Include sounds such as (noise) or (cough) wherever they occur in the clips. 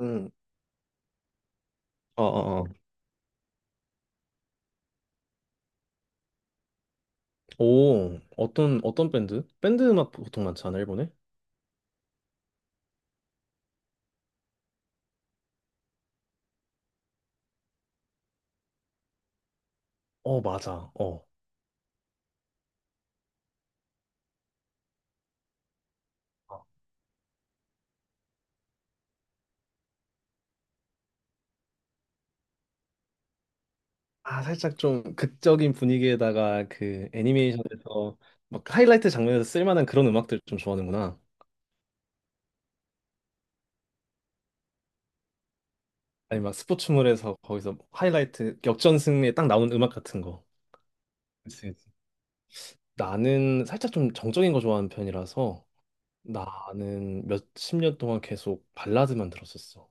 응. 아, 아, 아. 오, 어떤 밴드? 밴드 음악 보통 많지 않아, 일본에? 어, 맞아. 어. 아, 살짝 좀 극적인 분위기에다가 그 애니메이션에서 막 하이라이트 장면에서 쓸만한 그런 음악들 좀 좋아하는구나. 아니, 막 스포츠물에서 거기서 뭐 하이라이트 역전 승리에 딱 나온 음악 같은 거. 그치, 그치. 나는 살짝 좀 정적인 거 좋아하는 편이라서 나는 몇 십 년 동안 계속 발라드만 들었었어.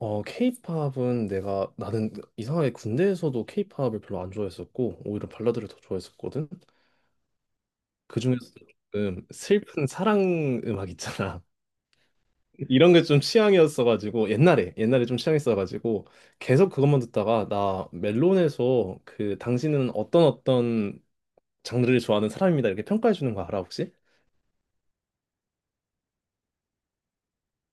어, 케이팝은 내가 나는 이상하게 군대에서도 케이팝을 별로 안 좋아했었고 오히려 발라드를 더 좋아했었거든. 그중에서 조금 슬픈 사랑 음악 있잖아. (laughs) 이런 게 좀 취향이었어가지고 옛날에 좀 취향이었어가지고 계속 그것만 듣다가 나 멜론에서 그 당신은 어떤 장르를 좋아하는 사람입니다 이렇게 평가해 주는 거 알아 혹시?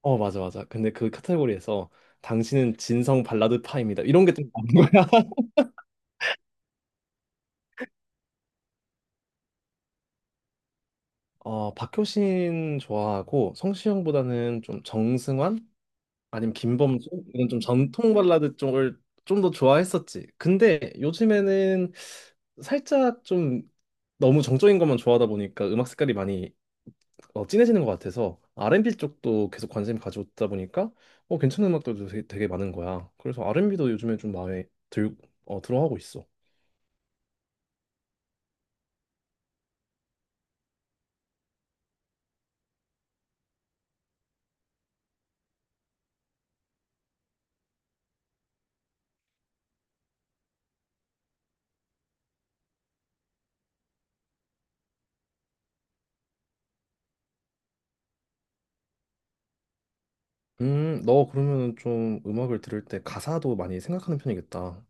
어 맞아 맞아. 근데 그 카테고리에서 당신은 진성 발라드 파입니다 이런 게 좀 나온 거야. 어, 박효신 좋아하고 성시경보다는 좀 정승환 아니면 김범수 이런 좀 전통 발라드 쪽을 좀 더 좋아했었지. 근데 요즘에는 살짝 좀 너무 정적인 것만 좋아하다 보니까 음악 색깔이 많이 진해지는 것 같아서 R&B 쪽도 계속 관심 가져오다 보니까 괜찮은 음악들도 되게 많은 거야. 그래서 R&B도 요즘에 좀 마음에 들어하고 있어. 너 그러면은 좀 음악을 들을 때 가사도 많이 생각하는 편이겠다.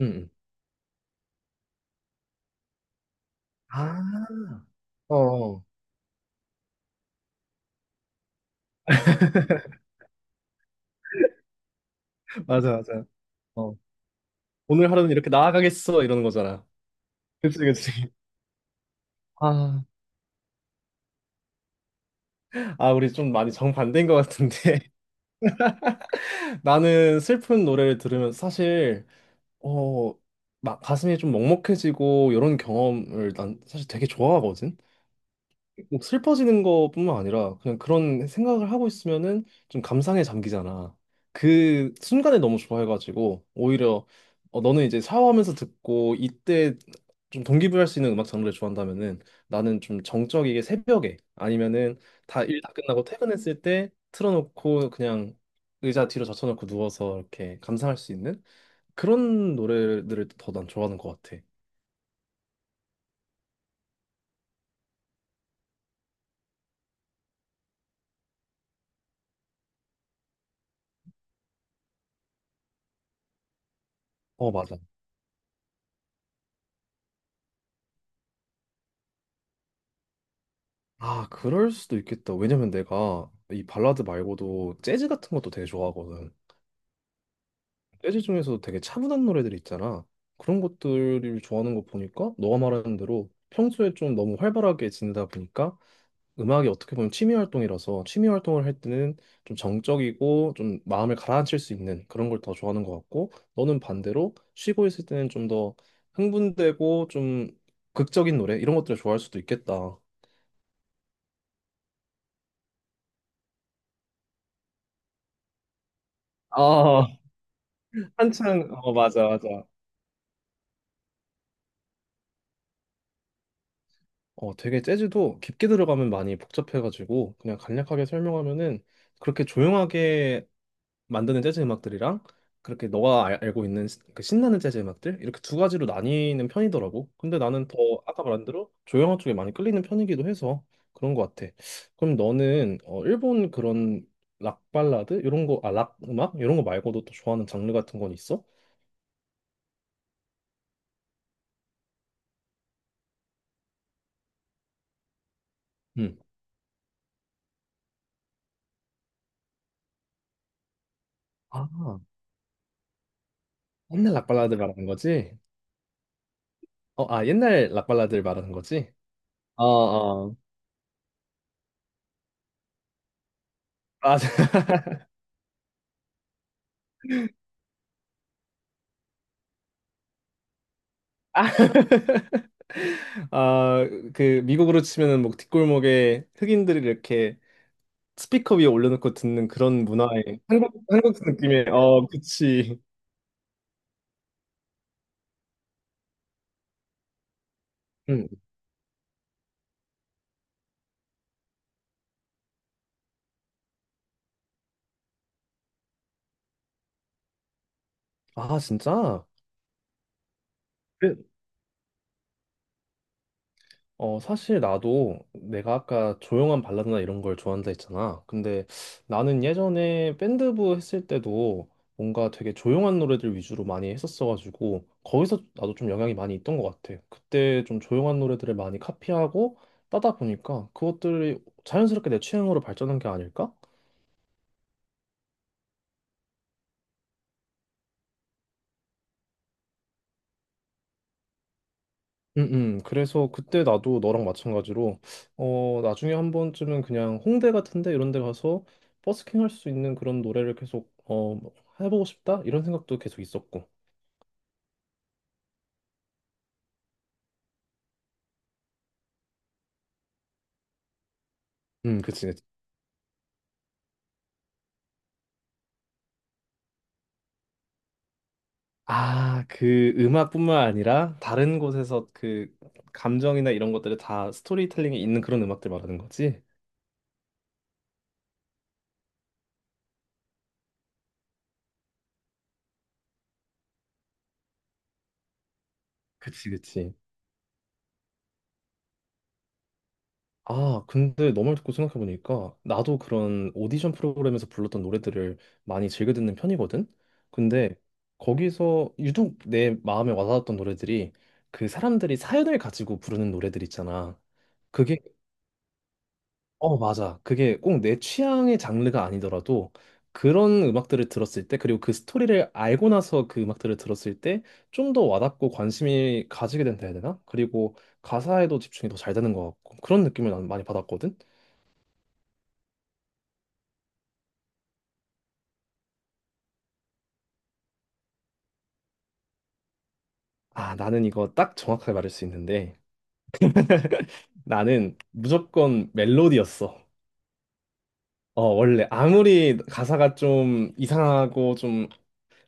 응. 응. 아, 어, 어. 맞아, 맞아. 어. 오늘 하루는 이렇게 나아가겠어, 이러는 거잖아. 그치, 그치. 아, 아, 우리 좀 많이 정반대인 것 같은데. (laughs) 나는 슬픈 노래를 들으면 사실, 어, 막 가슴이 좀 먹먹해지고, 이런 경험을 난 사실 되게 좋아하거든. 뭐 슬퍼지는 것뿐만 아니라 그냥 그런 생각을 하고 있으면은 좀 감상에 잠기잖아. 그 순간에 너무 좋아해가지고 오히려 너는 이제 샤워하면서 듣고 이때 좀 동기부여할 수 있는 음악 장르를 좋아한다면은 나는 좀 정적이게 새벽에 아니면은 다 일 다 끝나고 퇴근했을 때 틀어놓고 그냥 의자 뒤로 젖혀놓고 누워서 이렇게 감상할 수 있는 그런 노래들을 더 난 좋아하는 것 같아. 어, 맞아. 아, 그럴 수도 있겠다. 왜냐면 내가 이 발라드 말고도 재즈 같은 것도 되게 좋아하거든. 재즈 중에서도 되게 차분한 노래들 있잖아. 그런 것들을 좋아하는 거 보니까 너가 말하는 대로 평소에 좀 너무 활발하게 지내다 보니까 음악이 어떻게 보면 취미 활동이라서 취미 활동을 할 때는 좀 정적이고 좀 마음을 가라앉힐 수 있는 그런 걸 더 좋아하는 것 같고 너는 반대로 쉬고 있을 때는 좀 더 흥분되고 좀 극적인 노래 이런 것들을 좋아할 수도 있겠다. 아, 한창, 어, 맞아, 맞아. 되게 재즈도 깊게 들어가면 많이 복잡해가지고 그냥 간략하게 설명하면은 그렇게 조용하게 만드는 재즈 음악들이랑 그렇게 너가 알, 고 있는 그 신나는 재즈 음악들 이렇게 두 가지로 나뉘는 편이더라고. 근데 나는 더 아까 말한 대로 조용한 쪽에 많이 끌리는 편이기도 해서 그런 것 같아. 그럼 너는 일본 그런 락 발라드 이런 거, 락 음악 이런 거 말고도 또 좋아하는 장르 같은 건 있어? 응. 아, 옛날 락 발라드 말하는 거지? 옛날 락 발라드를 말하는 거지? 어, 어. 아, (laughs) 아, 그 미국으로 치면은 뭐 뒷골목에 흑인들이 이렇게 스피커 위에 올려놓고 듣는 그런 문화의 한국 느낌의 그치. 음. 아 진짜? 어, 사실 나도 내가 아까 조용한 발라드나 이런 걸 좋아한다 했잖아. 근데 나는 예전에 밴드부 했을 때도 뭔가 되게 조용한 노래들 위주로 많이 했었어가지고 거기서 나도 좀 영향이 많이 있던 것 같아. 그때 좀 조용한 노래들을 많이 카피하고 따다 보니까 그것들이 자연스럽게 내 취향으로 발전한 게 아닐까? 음, 그래서 그때 나도 너랑 마찬가지로 나중에 한 번쯤은 그냥 홍대 같은데 이런 데 가서 버스킹 할 수 있는 그런 노래를 계속 뭐 해보고 싶다 이런 생각도 계속 있었고. 그치, 그치. 아, 그 음악뿐만 아니라 다른 곳에서 그 감정이나 이런 것들을 다 스토리텔링이 있는 그런 음악들 말하는 거지? 그치, 그치. 아, 근데 너 말 듣고 생각해보니까 나도 그런 오디션 프로그램에서 불렀던 노래들을 많이 즐겨 듣는 편이거든? 근데 거기서 유독 내 마음에 와닿았던 노래들이 그 사람들이 사연을 가지고 부르는 노래들 있잖아. 그게, 어, 맞아. 그게 꼭 내 취향의 장르가 아니더라도 그런 음악들을 들었을 때, 그리고 그 스토리를 알고 나서 그 음악들을 들었을 때 좀 더 와닿고 관심이 가지게 된다 해야 되나? 그리고 가사에도 집중이 더 잘 되는 것 같고 그런 느낌을 난 많이 받았거든? 아, 나는 이거 딱 정확하게 말할 수 있는데 나는 무조건 멜로디였어. 어, 원래 아무리 가사가 좀 이상하고 좀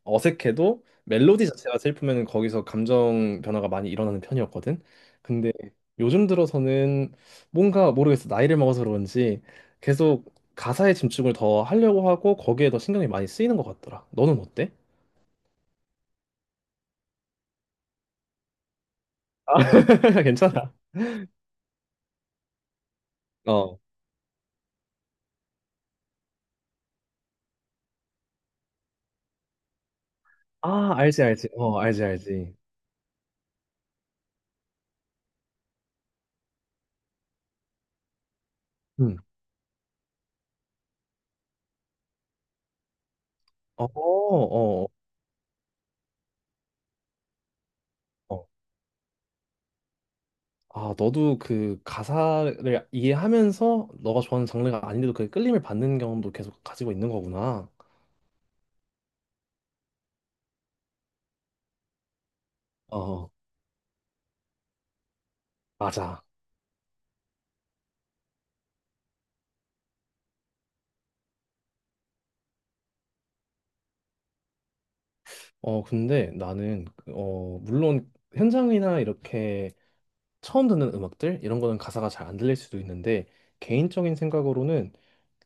어색해도 멜로디 자체가 슬프면 거기서 감정 변화가 많이 일어나는 편이었거든. 근데 요즘 들어서는 뭔가 모르겠어. 나이를 먹어서 그런지 계속 가사에 집중을 더 하려고 하고 거기에 더 신경이 많이 쓰이는 것 같더라. 너는 어때? (laughs) 괜찮아. 어. 아, 알지, 알지. 어, 알지, 알지. 음. 어, 어, 어. 아, 너도 그 가사를 이해하면서 너가 좋아하는 장르가 아닌데도 그 끌림을 받는 경험도 계속 가지고 있는 거구나. 어, 맞아. 어, 근데 나는, 물론 현장이나 이렇게 처음 듣는 음악들 이런 거는 가사가 잘 안 들릴 수도 있는데 개인적인 생각으로는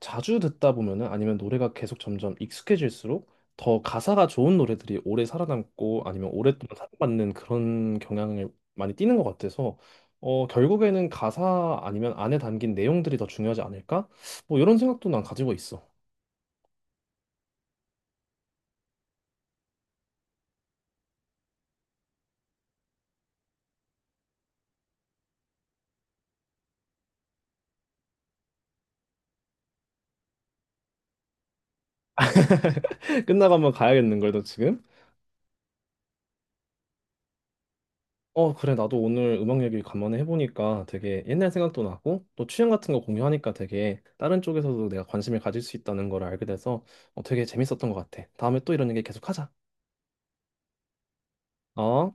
자주 듣다 보면은 아니면 노래가 계속 점점 익숙해질수록 더 가사가 좋은 노래들이 오래 살아남고 아니면 오랫동안 사랑받는 그런 경향을 많이 띠는 것 같아서 결국에는 가사 아니면 안에 담긴 내용들이 더 중요하지 않을까? 뭐 이런 생각도 난 가지고 있어. (laughs) 끝나고 한번 가야겠는 걸너 지금? 어, 그래. 나도 오늘 음악 얘기 간만에 해보니까 되게 옛날 생각도 나고 또 취향 같은 거 공유하니까 되게 다른 쪽에서도 내가 관심을 가질 수 있다는 걸 알게 돼서 되게 재밌었던 것 같아. 다음에 또 이런 얘기 계속 하자. 어?